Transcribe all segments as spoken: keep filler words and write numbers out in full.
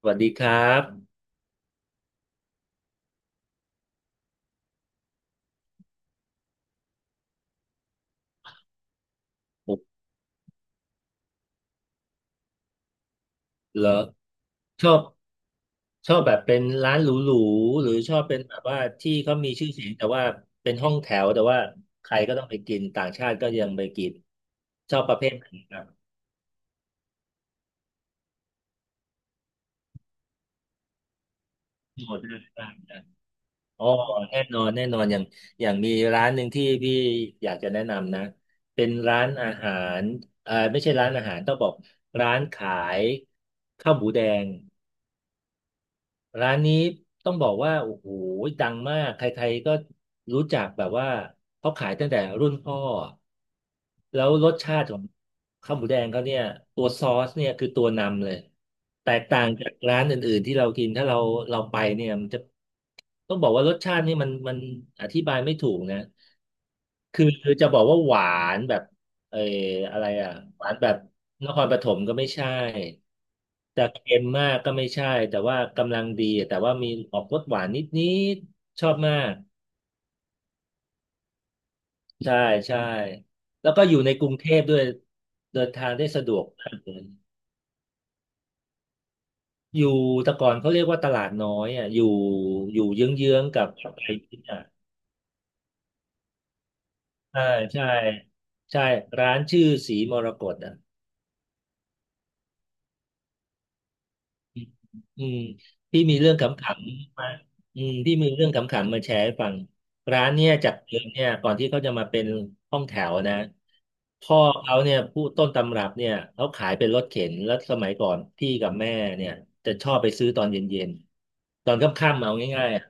สวัสดีครับผมเหรอชอบชอบแบบเป็นร้านหรูๆหรือชอบเป็นแบบว่าที่เขามีชื่อเสียงแต่ว่าเป็นห้องแถวแต่ว่าใครก็ต้องไปกินต่างชาติก็ยังไปกินชอบประเภทไหนครับหมดเลยได้ได้อ๋อแน่นอนแน่นอนอย่างอย่างมีร้านหนึ่งที่พี่อยากจะแนะนำนะเป็นร้านอาหารเอ่อไม่ใช่ร้านอาหารต้องบอกร้านขายข้าวหมูแดง ร้านนี้ต้องบอกว่าโอ้โหดังมากใครๆก็รู้จักแบบว่าเขาขายตั้งแต่รุ่นพ่อแล้วรสชาติของข้าวหมูแดงเขาเนี่ยตัวซอสเนี่ยคือตัวนำเลยแตกต่างจากร้านอื่นๆที่เรากินถ้าเราเราไปเนี่ยมันจะต้องบอกว่ารสชาตินี่มันมันอธิบายไม่ถูกนะคือจะบอกว่าหวานแบบ เอออะไรอ่ะหวานแบบนครปฐมก็ไม่ใช่แต่เค็มมากก็ไม่ใช่แต่ว่ากำลังดีแต่ว่ามีออกรสหวานนิดๆชอบมากใช่ใช่แล้วก็อยู่ในกรุงเทพด้วยเดินทางได้สะดวกมากเลยอยู่แต่ก่อนเขาเรียกว่าตลาดน้อยอ่ะอยู่อยู่เยื้องๆกับไทยอ่ะใช่ใช่ใช่ร้านชื่อสีมรกตอ่ะ อืมที่มีเรื่องขำๆมาอืมที่มีเรื่องขำๆมาแชร์ให้ฟังร้านเนี่ยจากเดิมเนี่ยก่อนที่เขาจะมาเป็นห้องแถวนะพ่อเขาเนี่ยผู้ต้นตำรับเนี่ยเขาขายเป็นรถเข็นแล้วสมัยก่อนพี่กับแม่เนี่ยจะชอบไปซื้อตอนเย็นๆตอนค่ำๆเอาง่ายๆอะ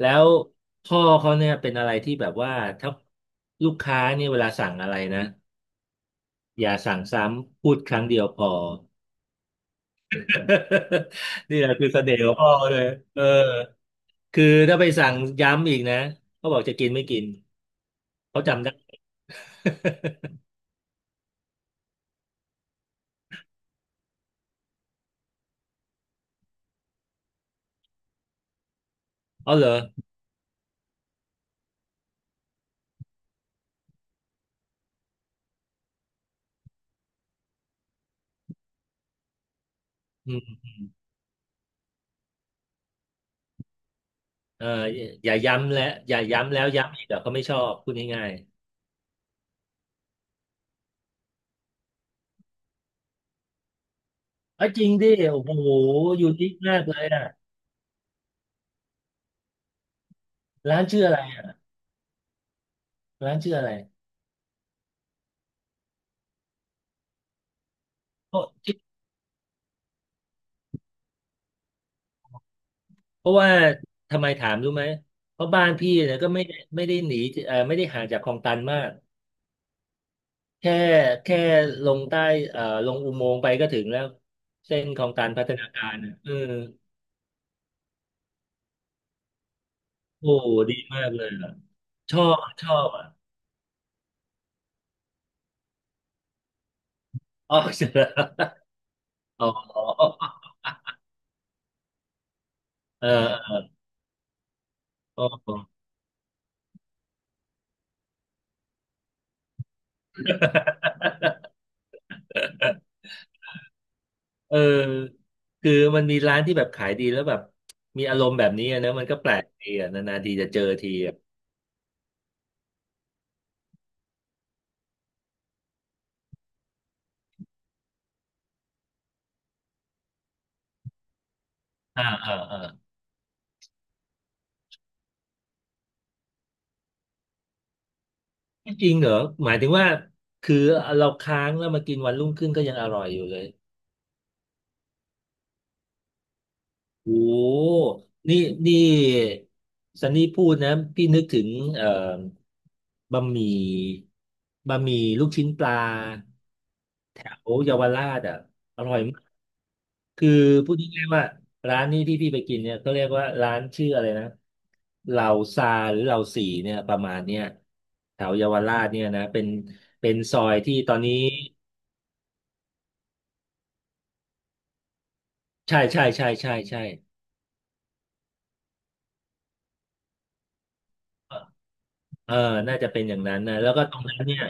แล้วพ่อเขาเนี่ยเป็นอะไรที่แบบว่าถ้าลูกค้าเนี่ยเวลาสั่งอะไรนะอย่าสั่งซ้ำพูดครั้งเดียวพอ นี่แหละคือเสน่ห์ของพ่อเลยเออคือถ้าไปสั่งย้ำอีกนะ เขาบอกจะกินไม่กิน เขาจำได้ เอาเหรออืมเอออย่าย้ำและอย่าย้ำแล้วย้ำอีกเดี๋ยวเขาไม่ชอบพูดง่ายๆเอ้ยจริงดิโอ้โหยูนิคมากเลยอ่ะร้านชื่ออะไรอ่ะร้านชื่ออะไรเพราะเพราะว่าทำไมถามรู้ไหม เพราะบ้านพี่เนี่ยก็ไม่ได้ไม่ได้หนีเออไม่ได้ห่างจากคลองตันมาก แค่แค่ลงใต้เอ่อลงอุโมงค์ไปก็ถึงแล้วเส้นคลองตันพัฒนาการอ่ะเออโอ้โหดีมากเลยอ่ะชอบชอบอ่ะอ๋อเสร็จแล้วอ๋อเออเอออ๋อเออคือมันมีร้านที่แบบขายดีแล้วแบบมีอารมณ์แบบนี้อะนะมันก็แปลกดีอ่ะนานๆทีจะเจอทีอ่ะอ่าอ่าอ่าจริงเหรอหมายถึงว่าคือเราค้างแล้วมากินวันรุ่งขึ้นก็ยังอร่อยอยู่เลย โอ้นี่นี่ซันนี่พูดนะพี่นึกถึงเอ่อบะหมี่บะหมี่ลูกชิ้นปลาแถวเยาวราชอ่ะอร่อยมากคือพูดง่ายๆว่าร้านนี้ที่พี่ไปกินเนี่ยเขาเรียกว่าร้านชื่ออะไรนะเหล่าซาหรือเหล่าสี่เนี่ยประมาณเนี้ยแถวเยาวราชเนี่ยนะเป็นเป็นซอยที่ตอนนี้ใช่ใช่ใช่ใช่ใช่เออน่าจะเป็นอย่างนั้นนะแล้วก็ตรงนั้นเนี่ย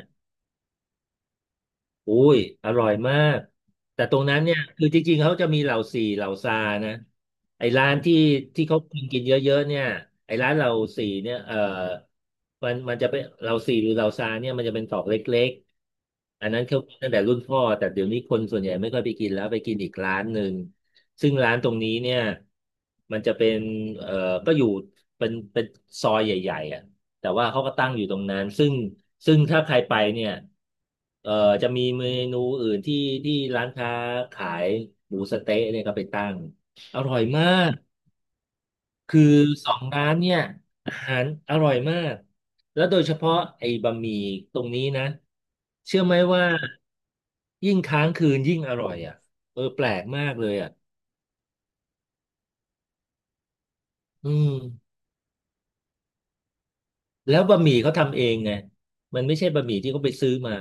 อุ้ยอร่อยมากแต่ตรงนั้นเนี่ยคือจริงๆเขาจะมีเหล่าสี่เหล่าซานะไอ้ร้านที่ที่เขากินกินเยอะๆเนี่ยไอ้ร้านเหล่าสี่เนี่ยเออมันมันจะเป็นเหล่าสี่หรือเหล่าซาเนี่ยมันจะเป็นตอกเล็กๆอันนั้นเขาตั้งแต่รุ่นพ่อแต่เดี๋ยวนี้คนส่วนใหญ่ไม่ค่อยไปกินแล้วไปกินอีกร้านหนึ่งซึ่งร้านตรงนี้เนี่ยมันจะเป็นเออก็อยู่เป็นเป็นซอยใหญ่ๆอ่ะ แต่ว่าเขาก็ตั้งอยู่ตรงนั้นซึ่งซึ่งถ้าใครไปเนี่ยเอ่อจะมีเมนูอื่นที่ที่ร้านค้าขายหมูสะเต๊ะเนี่ยก็ไปตั้งอร่อยมากคือสองร้านเนี่ยอาหารอร่อยมากแล้วโดยเฉพาะไอ้บะหมี่ตรงนี้นะเชื่อไหมว่ายิ่งค้างคืนยิ่งอร่อยอ่ะเออแปลกมากเลยอ่ะอืมแล้วบะหมี่เขาทำเองไงมันไม่ใช่บะหมี่ที่เขาไปซื้อมา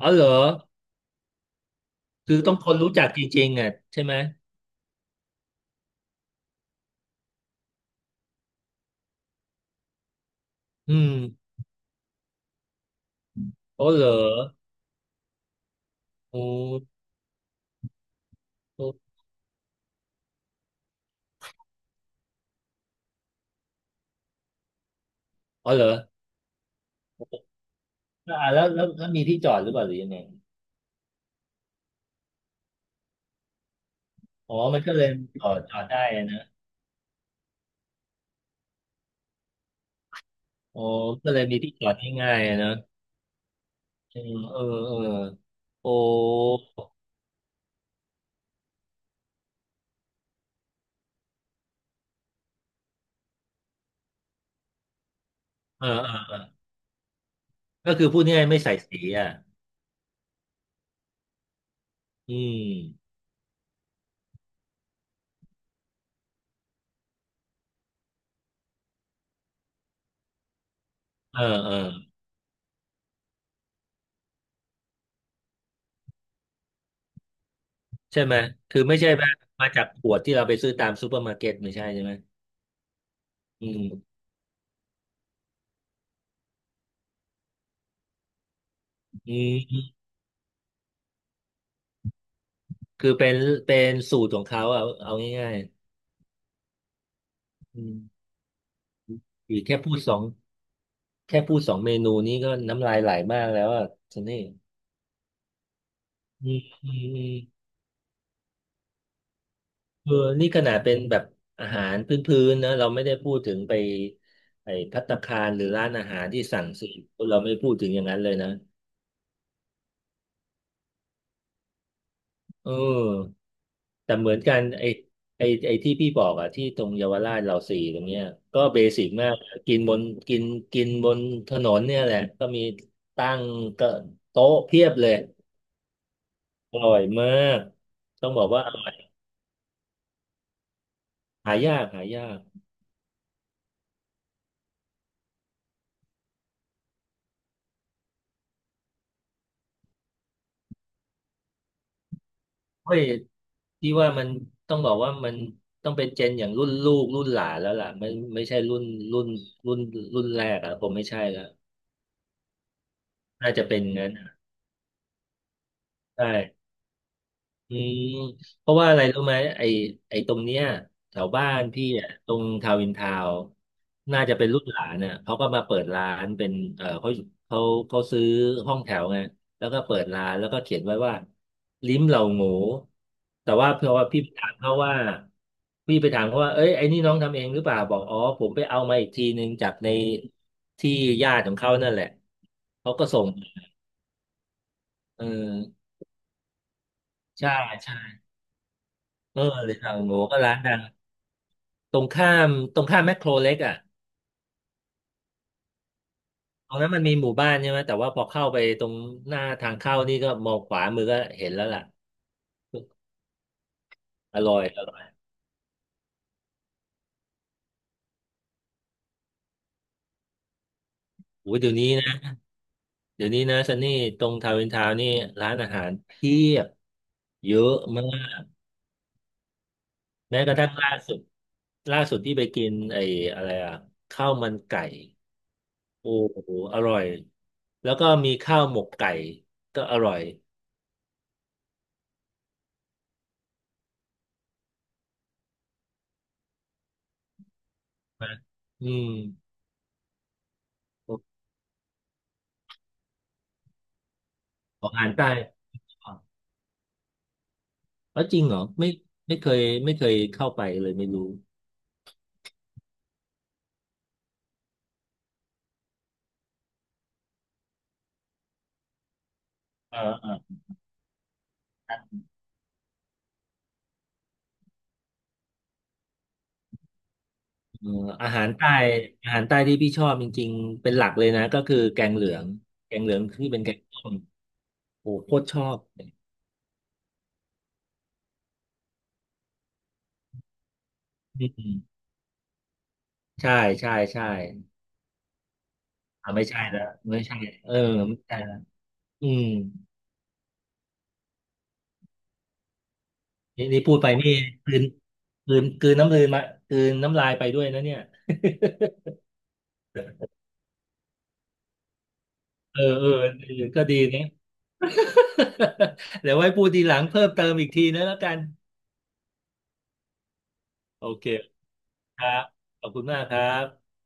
อ๋อเหรอ คือต้องคนรู้จักจริงๆอ่ะใช่ไหมอืมโอ้เหรอโอ้โอ้อ๋อเหรออ่าแล้วแล้วแล้วมีที่จอดหรือเปล่าหรือยังไงอ๋อมันก็เลยจอดจอดได้อะนะอ๋อก็เลยมีที่จอดง่ายๆอะนะอืมเออเออโอ้เออเออเออก็คือพูดง่ายๆไม่ใส่สีอ่ะอืมเออเออใช่ไหมคือไม่ใช่แบบมาจากขวดที่เราไปซื้อตามซูเปอร์มาร์เก็ตไม่ใช่ใช่ไหมอืมอืมคือเป็นเป็นสูตรของเขาเอาเอาง่ายๆอืม อีกแค่พูดสองแค่พูดสองเมนูนี้ก็น้ำลายไหลมากแล้วอ่ะซันนี่อืมอืมอืมเออนี่ขนาดเป็นแบบอาหารพื้นๆนะเราไม่ได้พูดถึงไปไอ้ภัตตาคารหรือร้านอาหารที่สั่งซื้อเราไม่พูดถึงอย่างนั้นเลยนะเออแต่เหมือนกันไอ้ไอ้ไอ้ที่พี่บอกอ่ะที่ตรงเยาวราชเราสี่ตรงเนี้ยก็เบสิกมากกินบนกินกินบนถนนเนี่ยแหละก็มีตั้งก็โต๊ะเพียบเลยอร่อยมากต้องบอกว่า หายากหายากเฮ้ยที่ว่ามันต้องบอกว่ามันต้องเป็นเจนอย่างรุ่นลูกรุ่นหลานแล้วล่ะไม่ไม่ใช่รุ่นรุ่นรุ่นรุ่นแรกอ่ะผมไม่ใช่แล้วน่าจะเป็นงั้นอะใช่ อืมเพราะว่าอะไรรู้ไหมไอ้ไอ้ตรงเนี้ยแถวบ้านพี่อ่ะตรงทาวินทาวน่าจะเป็นลูกหลานเนี่ยเขาก็มาเปิดร้านเป็นเออเขาเขาเขาซื้อห้องแถวไงแล้วก็เปิดร้านแล้วก็เขียนไว้ว่าลิ้มเหล่าโง่แต่ว่าเพราะว่าพี่ไปถามเขาว่าพี่ไปถามเขาว่าเอ้ยไอ้นี่น้องทำเองหรือเปล่าบอกอ๋อผมไปเอามาอีกทีนึงจากในที่ญาติของเขานั่นแหละเขาก็ส่งเออใช่ใช่เออเลยทางโง่ก็ร้านดัง ตรงข้ามตรงข้ามแมคโครเล็กอ่ะตรงนั้นมันมีหมู่บ้านใช่ไหมแต่ว่าพอเข้าไปตรงหน้าทางเข้านี่ก็มองขวามือก็เห็นแล้วล่ะอร่อยอร่อยโอ้ยเดี๋ยวนี้นะเดี๋ยวนี้นะซันนี่ตรงทาวน์อินทาวน์นี่ร้านอาหารเพียบเยอะมากแม้กระทั่งล่าสุดล่าสุดที่ไปกินไอ้อะไรอ่ะข้าวมันไก่โอ้โหอร่อยแล้วก็มีข้าวหมกไก่ก็อร่อยนะอืมของอาหารใต้ แล้วจริงเหรอไม่ไม่เคยไม่เคยเข้าไปเลยไม่รู้เออเออเอออาหารใต้อาหารใต้ที่พี่ชอบจริงๆเป็นหลักเลยนะก็คือแกงเหลืองแกงเหลืองคือเป็นแกงส้มโอ้โหโคตรชอบอืมใช่ใช่ใช่อ่าไม่ใช่แล้วไม่ใช่เออไม่ใช่และอืมนี่นี่พูดไปนี่กลืนกลืนกลืนน้ำลายมากลืนน้ำลายไปด้วยนะเนี่ย เออเออก็ดีนะ เดี๋ยวไว้พูดทีหลังเพิ่มเติมอีกทีนะแล้วกันโอเค ครับขอบคุณมากครับ